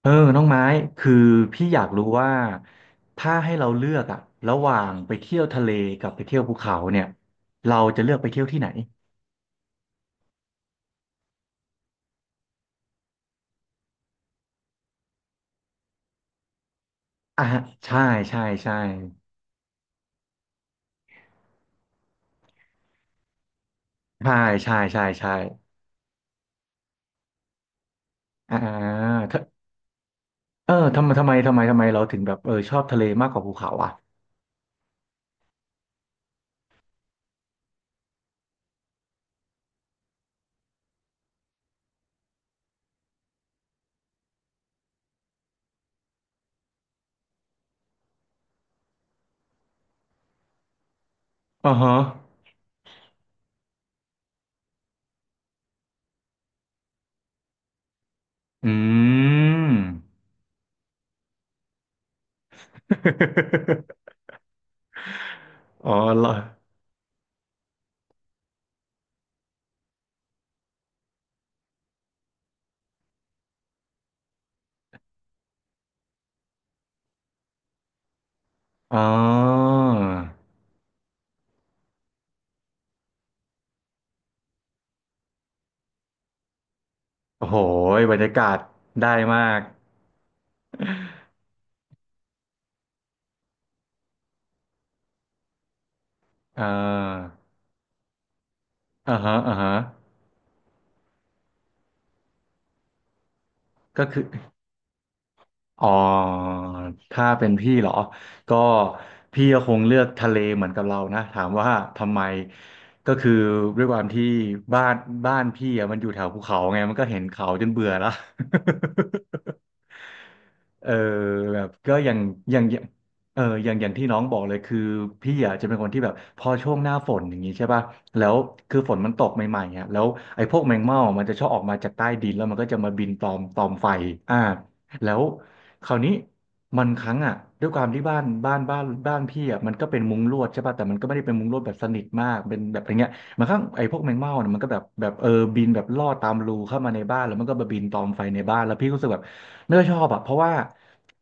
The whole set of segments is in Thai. เออน้องไม้คือพี่อยากรู้ว่าถ้าให้เราเลือกอะระหว่างไปเที่ยวทะเลกับไปเที่ยวภูเขาเนี่ยเราจะเลือกไปเที่ยวที่ไหนอ่ะฮะใช่ใช่ใช่ใช่ใช่ใช่ใช่อ่าถ้าเออทำไมเราถึงแบบเออชอบทะเลมากกว่าภูเขาอ่ะอ่าฮะอืม อ๋อเหรออ๋อโอ้โหบรรยากาศได้มาก อ่าอ่าฮะอ่าฮะ ก็คือ อ๋อถ้าเป็นพี่เหรอก็พี่ก็คงเลือกทะเลเหมือนกับเรานะถามว่าทำไมก็คือด้วยความที่บ้านบ้านพี่อะมันอยู่แถวภูเขาไงมันก็เห็นเขาจนเบื่อแล้ว เออแบบก็อย่างเอออย่างที่น้องบอกเลยคือพี่อ่ะจะเป็นคนที่แบบพอช่วงหน้าฝนอย่างนี้ใช่ป่ะแล้วคือฝนมันตกใหม่ๆอ่ะแล้วไอ้พวกแมงเม่ามันจะชอบออกมาจากใต้ดินแล้วมันก็จะมาบินตอมไฟอ่าแล้ว คราวนี้มันครั้งอ่ะด้วยความที่บ้านพี่อ่ะมันก็เป็นมุ้งลวดใช่ป่ะแต่มันก็ไม่ได้เป็นมุ้งลวดแบบสนิทมากเป็นแบบอะไรเงี้ยมันข้างไอ้พวกแมงเม่าเนี่ยมันก็แบบเออบินแบบลอดตามรูเข้ามาในบ้านแล้วมันก็มาบินตอมไฟในบ้านแล้วพี่ก็รู้สึกแบบไม่ค่อยชอบอ่ะเพราะว่า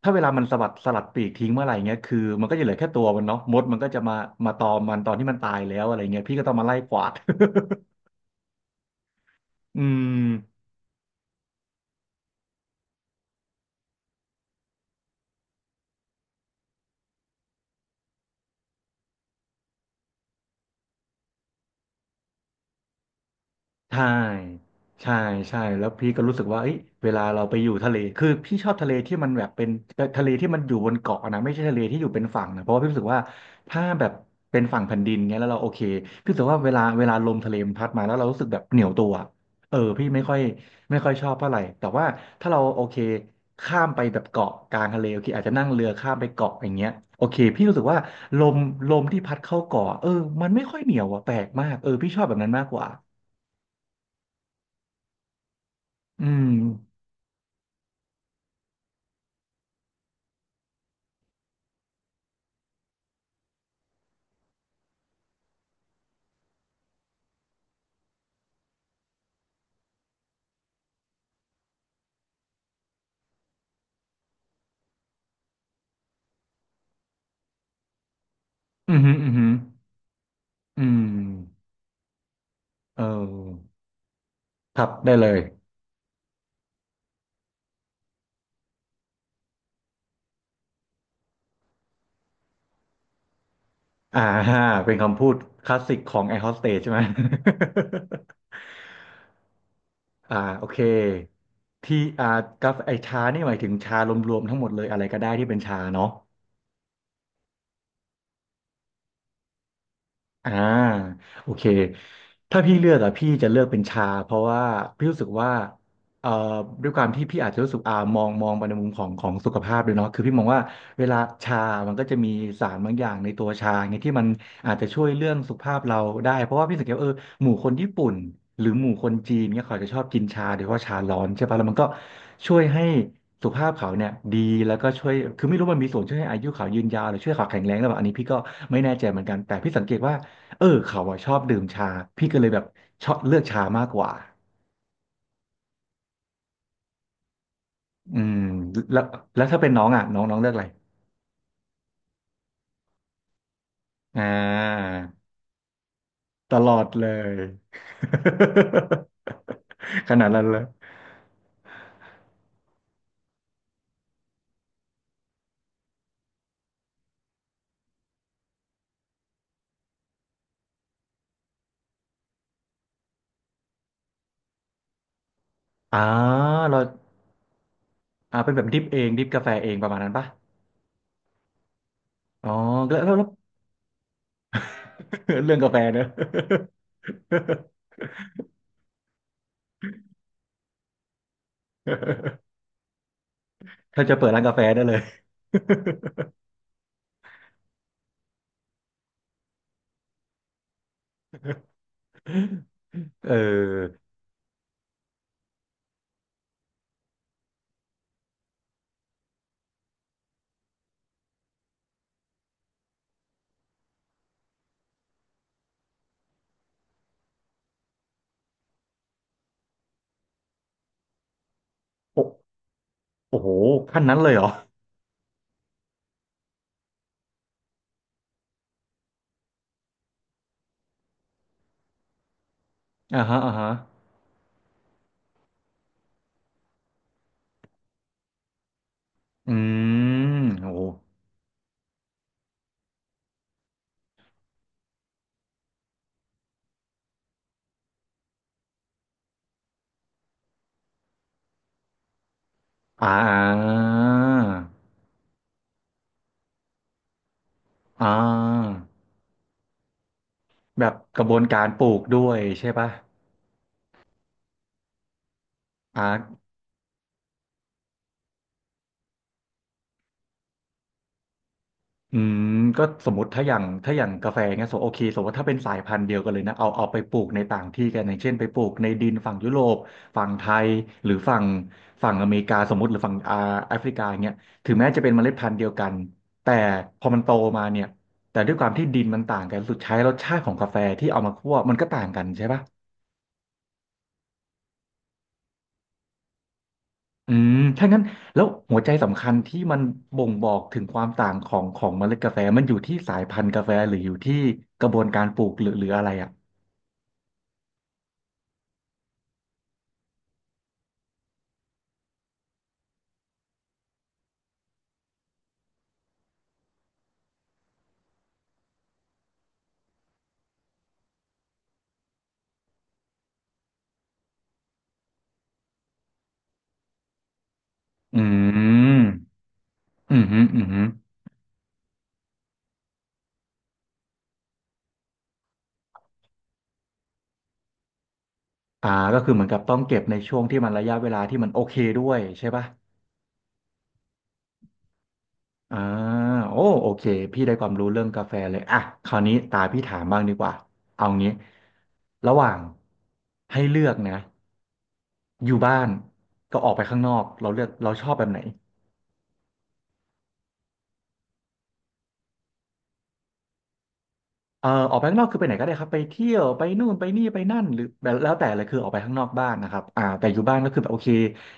ถ้าเวลามันสะบัดสลัดปีกทิ้งเมื่อไหร่เงี้ยคือมันก็จะเหลือแค่ตัวมันเนาะมดมันก็จะมาตอมมันตอนที่มันตายแล้วอะไรเงี้ยพี่ก็ต้องมาไล่กวาด อืม ใช่ใช่ใช่แล้วพี่ก็รู้สึกว่าเอ้ยเวลาเราไปอยู่ทะเล คือพี่ชอบทะเลที่มันแบบเป็นทะเลที่มันอยู่บนเกาะนะไม่ใช่ทะเลที่อยู่เป็นฝั่งนะเพราะว่าพี่รู้สึกว่าถ้าแบบเป็นฝั่งแผ่นดินเงี้ยแล้วเราโอเค พี่รู้สึกว่าเวลาลมทะเลมันพัดมาแล้วเรารู้สึกแบบเหนียวตัวเออพี่ไม่ค่อยชอบเท่าไหร่แต่ว่าถ้าเราโอเคข้ามไปแบบเกาะกลางทะเลโอเคอาจจะนั่งเรือข้ามไปเกาะอย่างเงี้ยโอเคพี่รู้สึกว่าลมลมที่พัดเข้าเกาะเออมันไม่ค่อยเหนียวอะแปลกมากเออพี่ชอบแบบนั้นมากกว่า อืมอืมอืม อืม อืม เออครับได้เลย อ่า ฮะเป็นคำพูดคลาสสิกของแอร์โฮสเตสใช่ไหม อ่าโอเค ที่อ่ากาแฟไอชานี่หมายถึงชารวมๆทั้งหมดเลยอะไรก็ได้ที่เป็นชาเนาะ อ่าโอเคถ้าพี่เลือกอะพี่จะเลือกเป็นชาเพราะว่าพี่รู้สึกว่าเอ่อด้วยความที่พี่อาจจะรู้สึกอ่ามองไปในมุมของสุขภาพด้วยเนาะคือพี่มองว่าเวลาชามันก็จะมีสารบางอย่างในตัวชาไงที่มันอาจจะช่วยเรื่องสุขภาพเราได้เพราะว่าพี่สังเกตว่าเออหมู่คนญี่ปุ่นหรือหมู่คนจีนเนี่ยเขาจะชอบกินชาโดยเฉพาะชาร้อนใช่ปะแล้วมันก็ช่วยให้สุขภาพเขาเนี่ยดีแล้วก็ช่วยคือไม่รู้มันมีส่วนช่วยให้อายุเขายืนยาวหรือช่วยเขาแข็งแรงหรือเปล่าอันนี้พี่ก็ไม่แน่ใจเหมือนกันแต่พี่สังเกตว่า เออเขาอะชอบดื่มชาพี่ก็เลยแบบชอบเลือกชามากกว่าอืมแล้วแล้วถ้าเป็นน้องอ่ะน้องน้องเลือกอะไรอ่าตลอดเลย ขนาดนั้นเลยอ่าเราอ่าเป็นแบบดริปเองดริปกาแฟเองประมาณนั้นปะอ๋อแล้ว เรื่องกาแฟเนอะ ถ้าจะเปิดร้านกาแฟได้เลย เออโอโอ้โหขั้นนั้นเลยเหรออ่าฮะอ่าฮะ อืมโอ้โหอ่าอ่าแบบกระบวนการปลูกด้วยใช่ปะอ่าอืมก็สมมติถ้าอย่างกาแฟเงี้ยสมมติโอเคสมมติว่าถ้าเป็นสายพันธุ์เดียวกันเลยนะเอาไปปลูกในต่างที่กันอย่างเช่นไปปลูกในดินฝั่งยุโรปฝั่งไทยหรือฝั่งอเมริกาสมมติหรือฝั่งอ่าแอฟริกาเงี้ยถึงแม้จะเป็นเมล็ดพันธุ์เดียวกันแต่พอมันโตมาเนี่ยแต่ด้วยความที่ดินมันต่างกันสุดท้ายรสชาติของกาแฟที่เอามาคั่วมันก็ต่างกันใช่ปะ อืมถ้างั้นแล้วหัวใจสำคัญที่มันบ่งบอกถึงความต่างของเมล็ดกาแฟมันอยู่ที่สายพันธุ์กาแฟหรืออยู่ที่กระบวนการปลูกหรืออะไรอ่ะ อืมอืมอืมอืมฮึอ่าก็คือเหมือนกับต้องเก็บในช่วงที่มันระยะเวลาที่มันโอเคด้วยใช่ป่ะอ่าโอ้โอเคพี่ได้ความรู้เรื่องกาแฟเลยอ่ะคราวนี้ตาพี่ถามบ้างดีกว่า เอางี้ระหว่างให้เลือกนะอยู่บ้านก็ออกไปข้างนอกเราเลือกเราชอบแบบไหน ออกไปข้างนอกคือไปไหนก็ได้ครับไปเที่ยวไปนู่นไปนี่ไปนั่นหรือแบบแล้วแต่เลยคือออกไปข้างนอกบ้านนะครับอ่าแต่อยู่บ้านก็คือแบบโอเค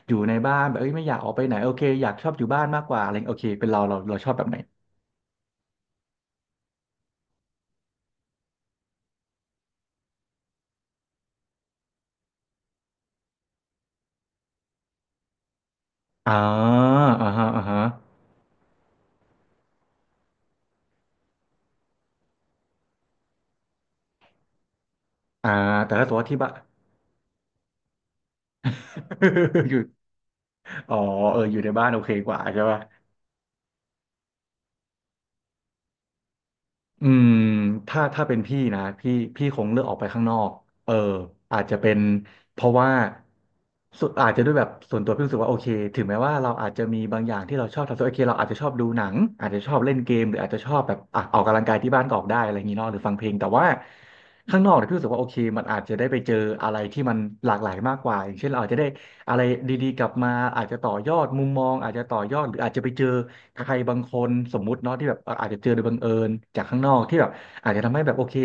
อยู่ในบ้านแบบเอ้ยไม่อยากออกไปไหนโอเคอยากชอบอยู่บ้านมากกว่าอะไรโอเคเป็นเราชอบแบบไหนอ่าอ่าฮะอ่าฮะอ่าแต่ถ้าตัวาที่บ้าน อยู่อ๋อเอออยู่ในบ้านโอเคกว่าใช่ป่ะ อืมถ้าเป็นพี่นะพี่พี่คงเลือกออกไปข้างนอกเอออาจจะเป็นเพราะว่าสุดอาจจะด้วยแบบส่วนตัวพี่รู้สึกว่าโอเคถึงแม้ว่าเราอาจจะมีบางอย่างที่เราชอบทำส่วนโอเคเราอาจจะชอบดูหนังอาจจะชอบเล่นเกมหรืออาจจะชอบแบบอ่ะออกกำลังกายที่บ้านก็ออกได้อะไรอย่างงี้เนาะหรือฟังเพลงแต่ว่าข้างนอกเนี่ยพี่รู้สึกว่าโอเคมันอาจจะได้ไปเจออะไรที่มันหลากหลายมากกว่าอย่างเช่นเราอาจจะได้ อะไรดีๆกลับมาอาจจะต่อยอดมุมมองอาจจะต่อยอดหรืออาจจะไปเจอใครบางคนสมมุติเนาะที่แบบอาจจะเจอโดยบังเอิญจากข้างนอกที่แบบอาจจะทำให้แบบโอเค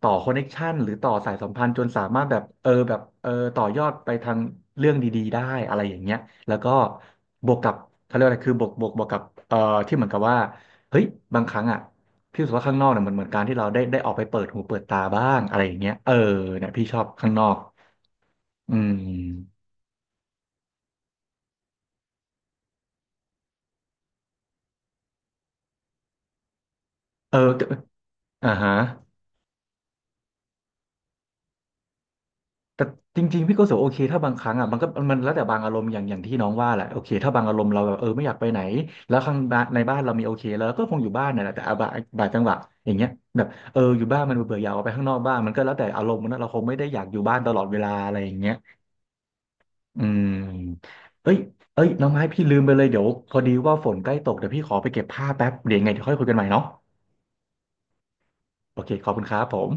ต่อคอนเน็กชันหรือต่อสายสัมพันธ์จนสามารถแบบเออแบบเออต่อยอดไปทางเรื่องดีๆได้อะไรอย่างเงี้ยแล้วก็บวกกับเขาเรียกว่าอะไรคือบวกกับเอ่อที่เหมือนกับว่าเฮ้ยบางครั้งอ่ะพี่รู้สึกว่าข้างนอกเนี่ยเหมือนการที่เราได้ออกไปเปิดหูเปิดตาบ้างอะไรอย่างเงี้ยเออเนี่ยพี่ชอบข้างนอกอืมเออ อ่าฮะแต่จริงๆพี่ก็รู้สึกว่าโอเคถ้าบางครั้งอ่ะมันก็มันแล้วแต่บางอารมณ์อย่างที่น้องว่าแหละโอเคถ้าบางอารมณ์เราแบบเออไม่อยากไปไหนแล้วข้างบ้านในบ้านเรามีโอเคแล้วก็คงอยู่บ้านนั่นแหละแต่อ่ะบางจังหวะอย่างเงี้ยแบบเอออยู่บ้านมันเบื่อๆอยากออกไปข้างนอกบ้างมันก็แล้วแต่อารมณ์นะเราคงไม่ได้อยากอยู่บ้านตลอดเวลาอะไรอย่างเงี้ยอืมเอ้ยเอ้ยน้องไม้พี่ลืมไปเลยเดี๋ยวพอดีว่าฝนใกล้ตกเดี๋ยวพี่ขอไปเก็บผ้าแป๊บเดี๋ยวยังไงเดี๋ยวค่อยคุยกันใหม่เนาะโอเคขอบคุณครับผม